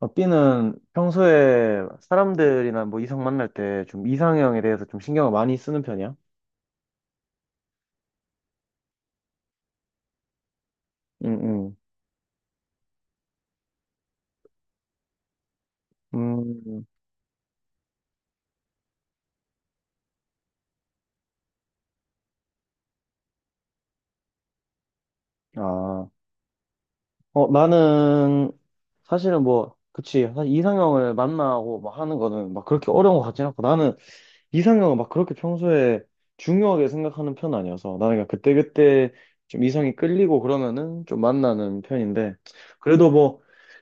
B는 평소에 사람들이나 뭐 이성 만날 때 좀 이상형에 대해서 좀 신경을 많이 쓰는 편이야? 응, 응. 음, 아. 나는 사실은 뭐, 그치. 사실 이상형을 만나고 막 하는 거는 막 그렇게 어려운 것 같진 않고 나는 이상형은 막 그렇게 평소에 중요하게 생각하는 편 아니어서 나는 그냥 그때그때 좀 이성이 끌리고 그러면은 좀 만나는 편인데 그래도 뭐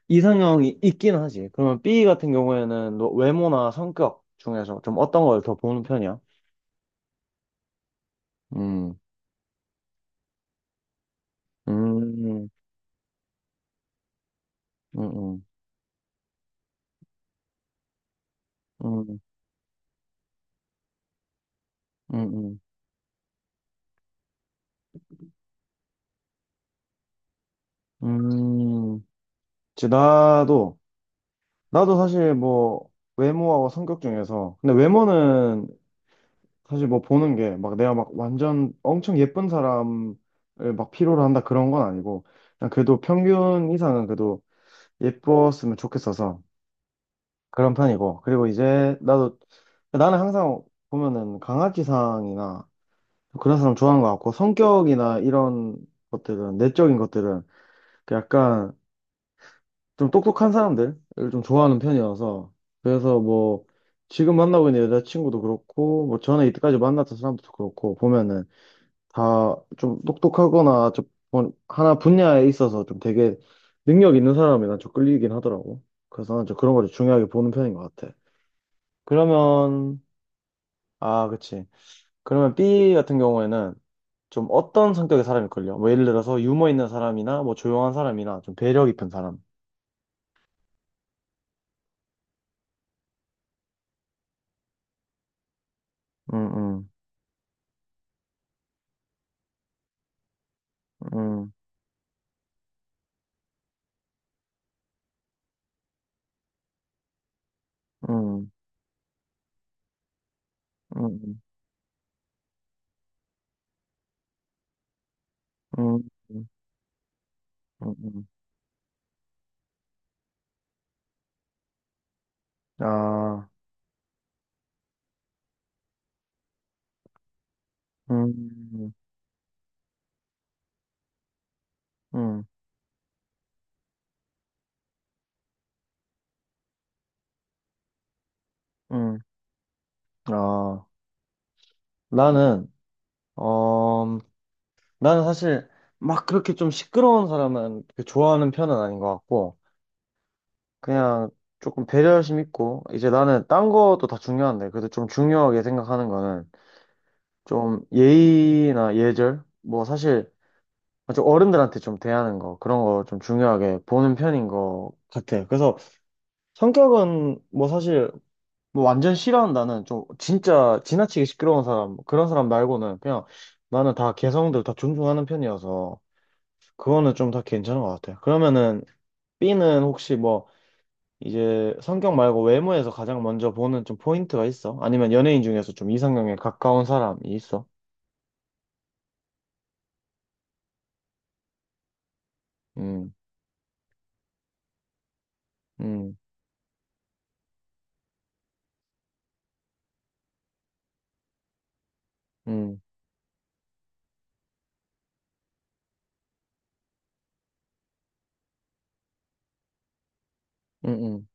이상형이 있긴 하지. 그러면 B 같은 경우에는 너 외모나 성격 중에서 좀 어떤 걸 더 보는 편이야? 음, 음, 음, 음, 음, 음, 음. 음. 이제 나도 사실 뭐 외모하고 성격 중에서 근데 외모는 사실 뭐 보는 게 막 내가 막 완전 엄청 예쁜 사람을 막 필요로 한다 그런 건 아니고 그냥 그래도 평균 이상은 그래도 예뻤으면 좋겠어서 그런 편이고 그리고 이제 나도 나는 항상 보면은 강아지상이나 그런 사람 좋아하는 것 같고 성격이나 이런 것들은 내적인 것들은 그 약간 좀 똑똑한 사람들을 좀 좋아하는 편이어서 그래서 뭐 지금 만나고 있는 여자친구도 그렇고 뭐 전에 이때까지 만났던 사람도 그렇고 보면은 다 좀 똑똑하거나 좀 뭐 하나 분야에 있어서 좀 되게 능력 있는 사람이 난 좀 끌리긴 하더라고. 그래서 난좀 그런 걸 중요하게 보는 편인 것 같아. 그러면 아, 그치. 그러면 B 같은 경우에는 좀 어떤 성격의 사람이 걸려 뭐 예를 들어서 유머 있는 사람이나 뭐 조용한 사람이나 좀 배려 깊은 사람. 음, 음, 음, 음, 음, 음, 음, 음, 음. 아, 음, 음, 음. 아, 나는 나는 사실 막 그렇게 좀 시끄러운 사람은 그렇게 좋아하는 편은 아닌 것 같고, 그냥 조금 배려심 있고, 이제 나는 딴 것도 다 중요한데, 그래도 좀 중요하게 생각하는 거는 좀 예의나 예절? 뭐 사실 좀 어른들한테 좀 대하는 거, 그런 거 좀 중요하게 보는 편인 것 같아. 그래서 성격은 뭐 사실 뭐 완전 싫어한다는 좀 진짜 지나치게 시끄러운 사람, 그런 사람 말고는 그냥 나는 다 개성들 다 존중하는 편이어서, 그거는 좀 다 괜찮은 것 같아요. 그러면은 B는 혹시 뭐 이제 성격 말고 외모에서 가장 먼저 보는 좀 포인트가 있어? 아니면 연예인 중에서 좀 이상형에 가까운 사람이 있어? 음, 음, 음, 음, 음,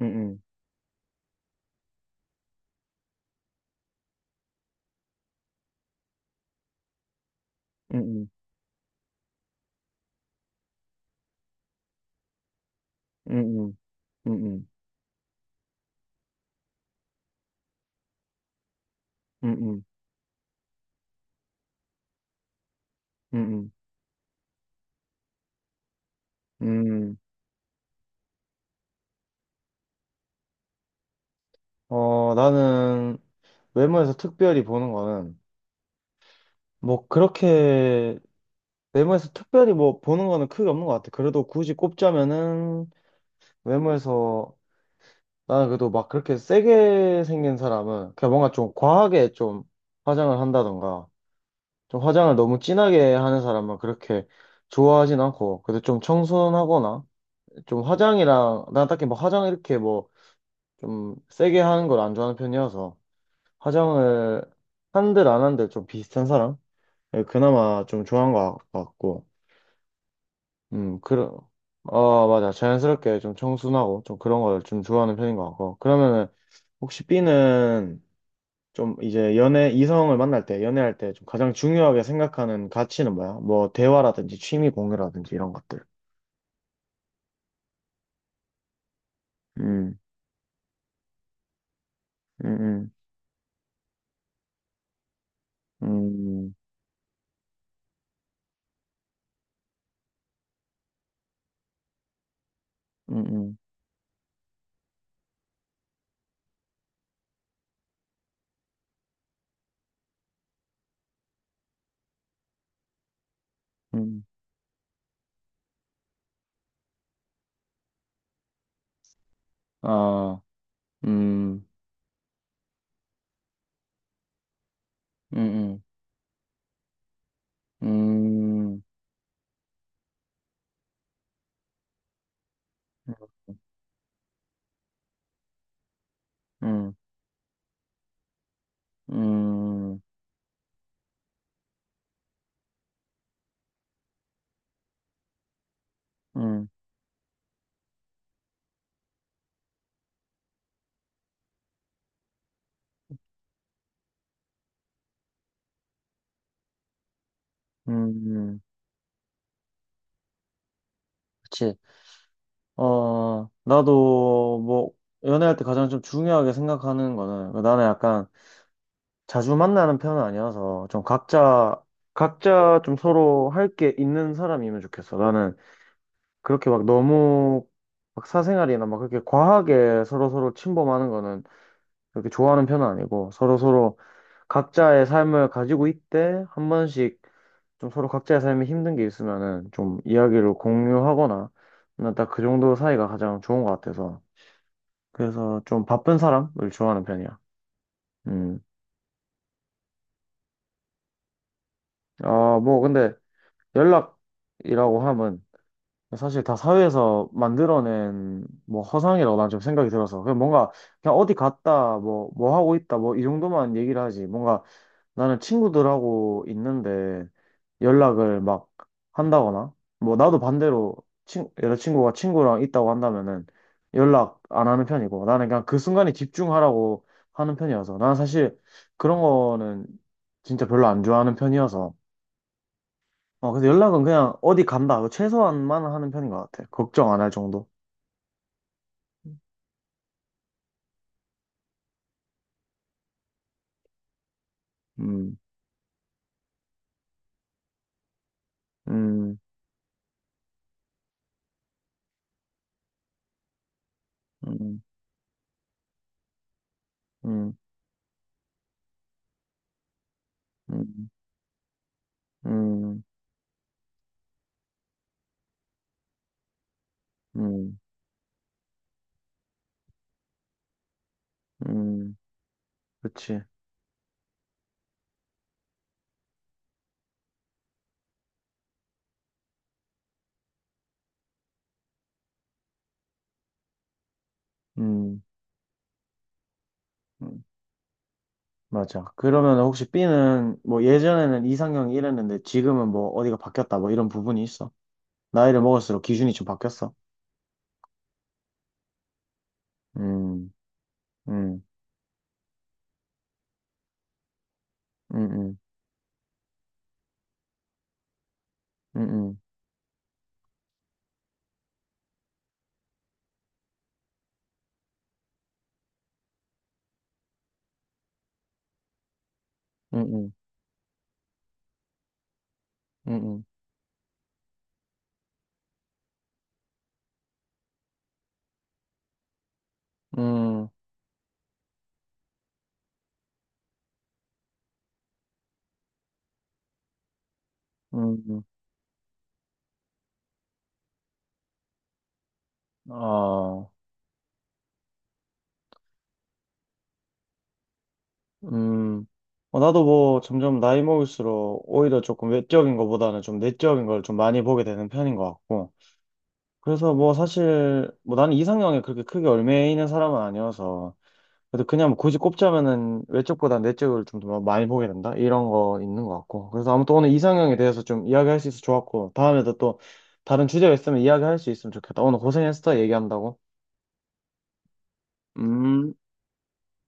음, 음, 음, 음, 음, 음, 음, 음, 음, 음. 음, 음. 나는 외모에서 특별히 보는 거는 뭐 그렇게 외모에서 특별히 뭐 보는 거는 크게 없는 것 같아. 그래도 굳이 꼽자면은 외모에서 나는 그래도 막 그렇게 세게 생긴 사람은 그냥 뭔가 좀 과하게 좀 화장을 한다던가 좀 화장을 너무 진하게 하는 사람은 그렇게 좋아하진 않고 그래도 좀 청순하거나 좀 화장이랑 난 딱히 뭐 화장 이렇게 뭐 좀 세게 하는 걸 안 좋아하는 편이어서 화장을 한들 안 한들 좀 비슷한 사람? 예, 그나마 좀 좋아한 것 같고 그런 어 맞아 자연스럽게 좀 청순하고 좀 그런 걸 좀 좋아하는 편인 것 같고 그러면은 혹시 B는 좀 이제 연애, 이성을 만날 때, 연애할 때 좀 가장 중요하게 생각하는 가치는 뭐야? 뭐, 대화라든지 취미 공유라든지 이런 것들. 음, 음, 음, 음, 음, 음, 음. 아, 음, 음, 음, 음, 음, 음, 음, 음. 음. 그치. 나도 뭐, 연애할 때 가장 좀 중요하게 생각하는 거는, 나는 약간 자주 만나는 편은 아니어서 좀 각자 각자 좀 서로 할 게 있는 사람이면 좋겠어. 나는 그렇게 막 너무 막 사생활이나 막 그렇게 과하게 서로 서로 침범하는 거는 그렇게 좋아하는 편은 아니고 서로 서로 각자의 삶을 가지고 있대 한 번씩 좀 서로 각자의 삶에 힘든 게 있으면은 좀 이야기를 공유하거나 난 딱 그 정도 사이가 가장 좋은 것 같아서 그래서 좀 바쁜 사람을 좋아하는 편이야. 음. 아, 뭐 근데 연락 이라고 하면 사실 다 사회에서 만들어낸 뭐 허상이라고 난 좀 생각이 들어서 그냥 뭔가 그냥 어디 갔다 뭐 뭐 하고 있다 뭐 이 정도만 얘기를 하지 뭔가 나는 친구들하고 있는데 연락을 막 한다거나 뭐 나도 반대로 친 여자친구가 친구랑 있다고 한다면은 연락 안 하는 편이고 나는 그냥 그 순간에 집중하라고 하는 편이어서 나는 사실 그런 거는 진짜 별로 안 좋아하는 편이어서 근데 연락은 그냥 어디 간다. 최소한만 하는 편인 것 같아. 걱정 안 할 정도. 음, 음, 음, 음, 음, 음, 음, 음, 그치. 음, 음, 맞아. 그러면 혹시 B는 뭐 예전에는 이상형이 이랬는데 지금은 뭐 어디가 바뀌었다 뭐 이런 부분이 있어. 나이를 먹을수록 기준이 좀 바뀌었어. 음, 음, 음, 음, 음, 음, 음, 음, 음, 음, 음, 음, 음, 음, 음, 음, 나도 뭐 점점 나이 먹을수록 오히려 조금 외적인 것보다는 좀 내적인 걸 좀 많이 보게 되는 편인 것 같고. 그래서 뭐 사실 뭐 나는 이상형에 그렇게 크게 얽매이는 사람은 아니어서. 그래도 그냥 뭐 굳이 꼽자면은 외적보다 내적을 좀 더 많이 보게 된다? 이런 거 있는 것 같고. 그래서 아무튼 오늘 이상형에 대해서 좀 이야기할 수 있어서 좋았고. 다음에도 또 다른 주제가 있으면 이야기할 수 있으면 좋겠다. 오늘 고생했어, 얘기한다고. 음.